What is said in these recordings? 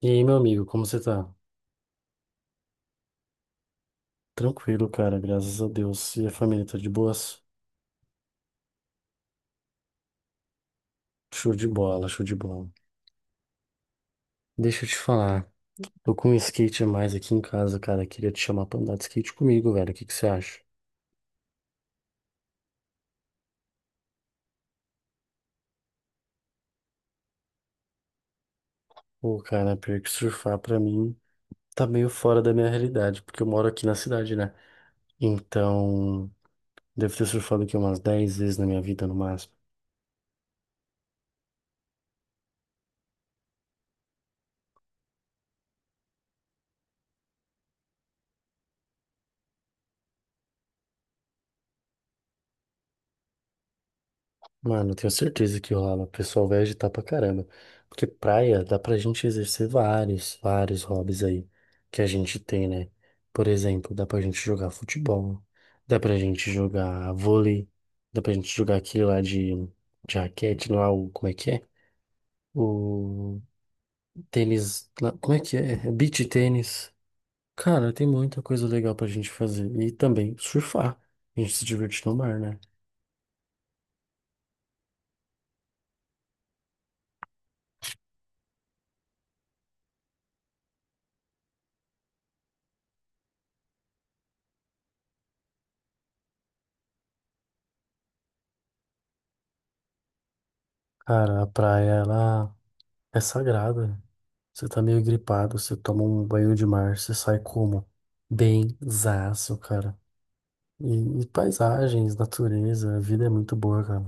E aí, meu amigo, como você tá? Tranquilo, cara, graças a Deus. E a família tá de boas? Show de bola, show de bola. Deixa eu te falar, tô com um skate a mais aqui em casa, cara. Queria te chamar pra andar de skate comigo, velho. O que que você acha? Pô, cara, pior que surfar pra mim tá meio fora da minha realidade, porque eu moro aqui na cidade, né? Então, devo ter surfado aqui umas 10 vezes na minha vida no máximo. Mano, eu tenho certeza que rola. O pessoal vai agitar pra caramba. Porque praia dá pra gente exercer vários, vários hobbies aí que a gente tem, né? Por exemplo, dá pra gente jogar futebol, dá pra gente jogar vôlei, dá pra gente jogar aquele lá de raquete, não é o, como é que é? O tênis, como é que é? É Beach tênis. Cara, tem muita coisa legal pra gente fazer. E também surfar. A gente se divertir no mar, né? Cara, a praia, ela é sagrada. Você tá meio gripado, você toma um banho de mar, você sai como? Bem zaço, cara. E paisagens, natureza, a vida é muito boa, cara.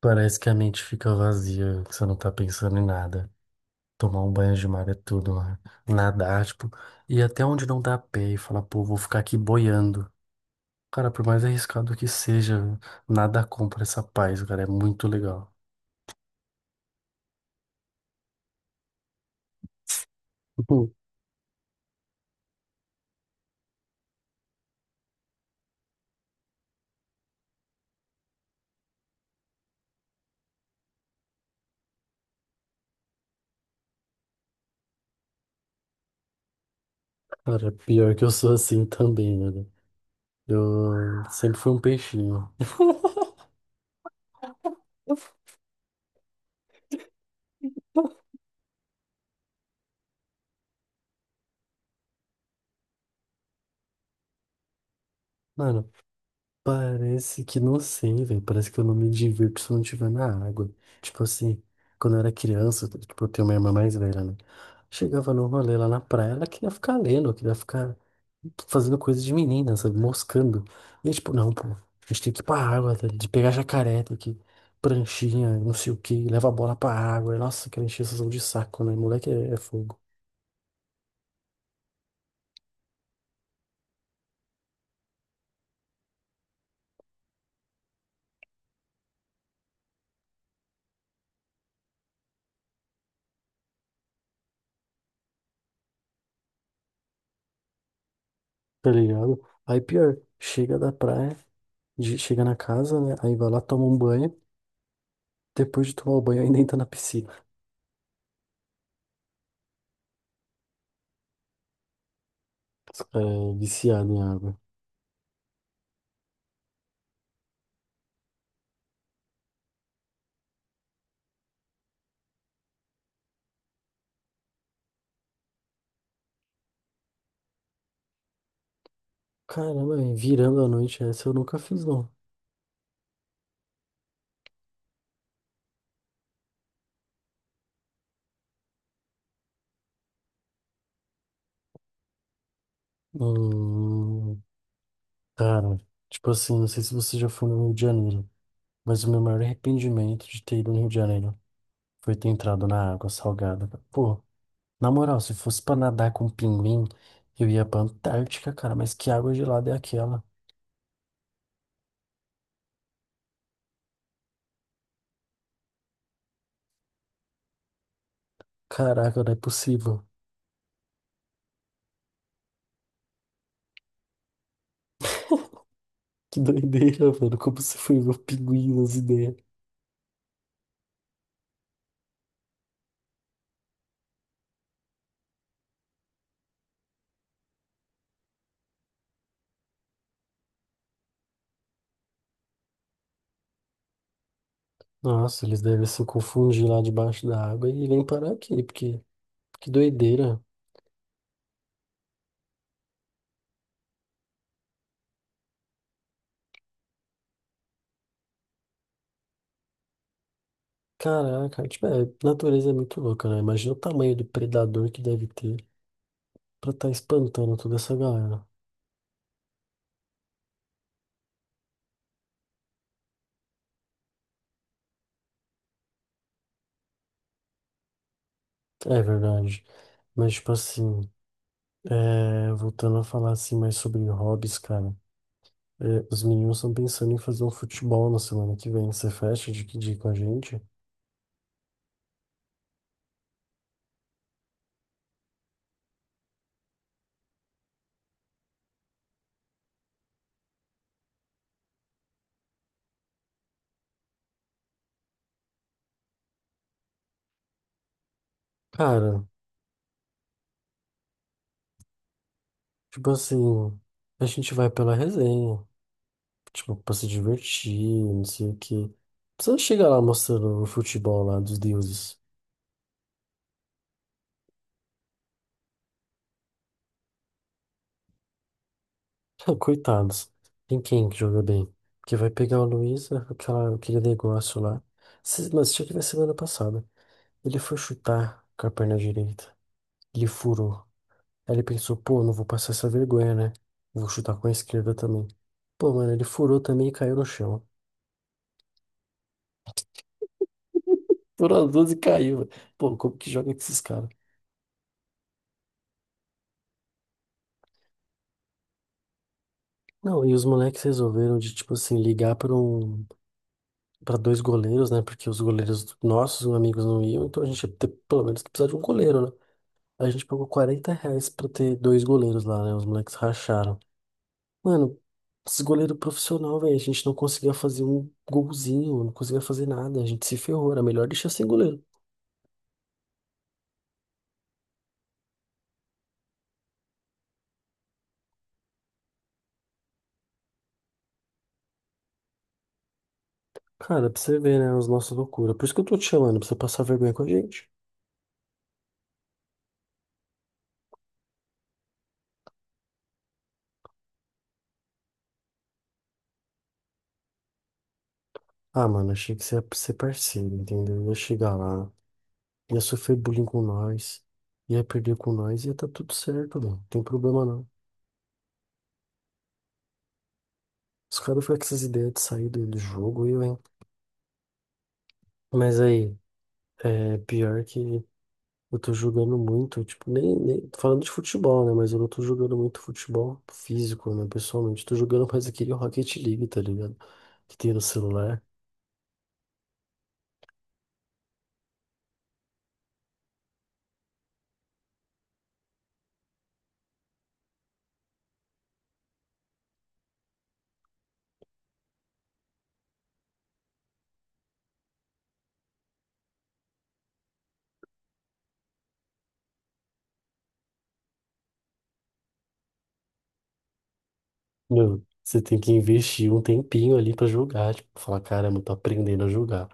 Parece que a mente fica vazia, que você não tá pensando em nada. Tomar um banho de mar é tudo, né? Nadar, tipo, ir até onde não dá pé e falar, pô, vou ficar aqui boiando. Cara, por mais arriscado que seja, nada compra essa paz, cara, é muito legal. Pô, cara, pior que eu sou assim também, né? Eu sempre fui um peixinho. Mano, parece que não sei, velho. Parece que eu não me divirto se eu não estiver na água. Tipo assim, quando eu era criança, tipo, eu tenho uma irmã mais velha, né? Chegava no rolê lá na praia, ela queria ficar lendo, queria ficar fazendo coisa de menina, sabe? Moscando. E eu, tipo, não, pô, a gente tem que ir pra água, tá? De pegar jacaré, tem que pranchinha, não sei o quê, leva a bola pra água. E, nossa, aquela encheção de saco, né? Moleque é fogo, tá ligado? Aí pior, chega da praia, chega na casa, né? Aí vai lá, toma um banho. Depois de tomar o banho, ainda entra na piscina. É, viciado em água. Caramba, e virando a noite, essa eu nunca fiz, não. Hum, Cara, tipo assim, não sei se você já foi no Rio de Janeiro, mas o meu maior arrependimento de ter ido no Rio de Janeiro foi ter entrado na água salgada. Pô, na moral, se fosse pra nadar com pinguim, eu ia pra Antártica, cara, mas que água gelada é aquela? Caraca, não é possível. Que doideira, mano, como você foi ver o pinguim nas ideias. Nossa, eles devem se confundir lá debaixo da água e vêm parar aqui, porque que doideira. Caraca, tipo, a natureza é muito louca, né? Imagina o tamanho do predador que deve ter pra estar espantando toda essa galera. É verdade. Mas, tipo assim, voltando a falar assim mais sobre hobbies, cara. Os meninos estão pensando em fazer um futebol na semana que vem. Você fecha de que dia com a gente? Cara, tipo assim, a gente vai pela resenha. Tipo, pra se divertir, não sei o quê. Você não chega lá mostrando o futebol lá dos deuses. Coitados. Tem quem que joga bem? Porque vai pegar o Luiz, aquela, aquele negócio lá. Mas tinha que ver semana passada. Ele foi chutar com a perna direita. Ele furou. Aí ele pensou, pô, não vou passar essa vergonha, né? Vou chutar com a esquerda também. Pô, mano, ele furou também e caiu no chão. Furou as duas e caiu. Pô, como que joga com esses caras? Não, e os moleques resolveram de, tipo assim, ligar para dois goleiros, né? Porque os goleiros nossos, amigos, não iam, então a gente ia ter pelo menos que precisar de um goleiro, né? A gente pagou R$ 40 pra ter dois goleiros lá, né? Os moleques racharam. Mano, esses goleiros profissional, velho, a gente não conseguia fazer um golzinho, não conseguia fazer nada, a gente se ferrou, era melhor deixar sem goleiro. Cara, pra você ver, né? As nossas loucuras. Por isso que eu tô te chamando, pra você passar vergonha com a gente. Ah, mano, achei que você ia ser parceiro, entendeu? Ia chegar lá, ia sofrer bullying com nós, ia perder com nós, ia tá tudo certo, mano. Não tem problema não. Os caras ficam com essas ideias de sair do jogo, eu, hein? Mas aí, é pior que eu tô jogando muito, tipo, nem tô falando de futebol, né? Mas eu não tô jogando muito futebol físico, né? Pessoalmente, tô jogando mais aquele Rocket League, tá ligado? Que tem no celular. Meu, você tem que investir um tempinho ali pra jogar, tipo, falar, caramba, tô aprendendo a jogar.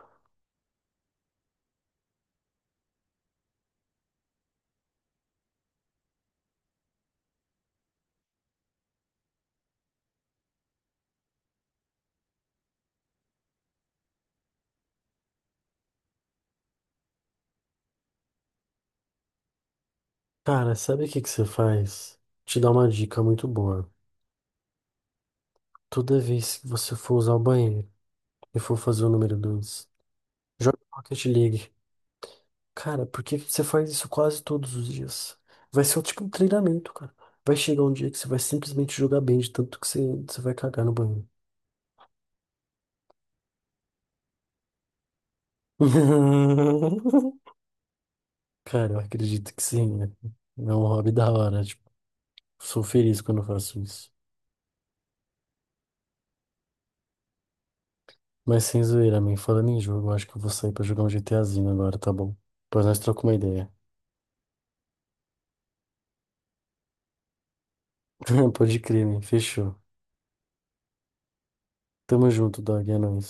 Cara, sabe o que que você faz? Te dá uma dica muito boa. Toda vez que você for usar o banheiro e for fazer o número 2, joga Rocket League. Cara, por que que você faz isso quase todos os dias? Vai ser tipo um treinamento, cara. Vai chegar um dia que você vai simplesmente jogar bem de tanto que você vai cagar no banheiro. Cara, eu acredito que sim, né? É um hobby da hora, tipo, sou feliz quando eu faço isso. Mas sem zoeira, man, falando em jogo, eu acho que eu vou sair pra jogar um GTAzinho agora, tá bom? Depois nós trocamos uma ideia. Pode crer, man, fechou. Tamo junto, Dog, é nóis.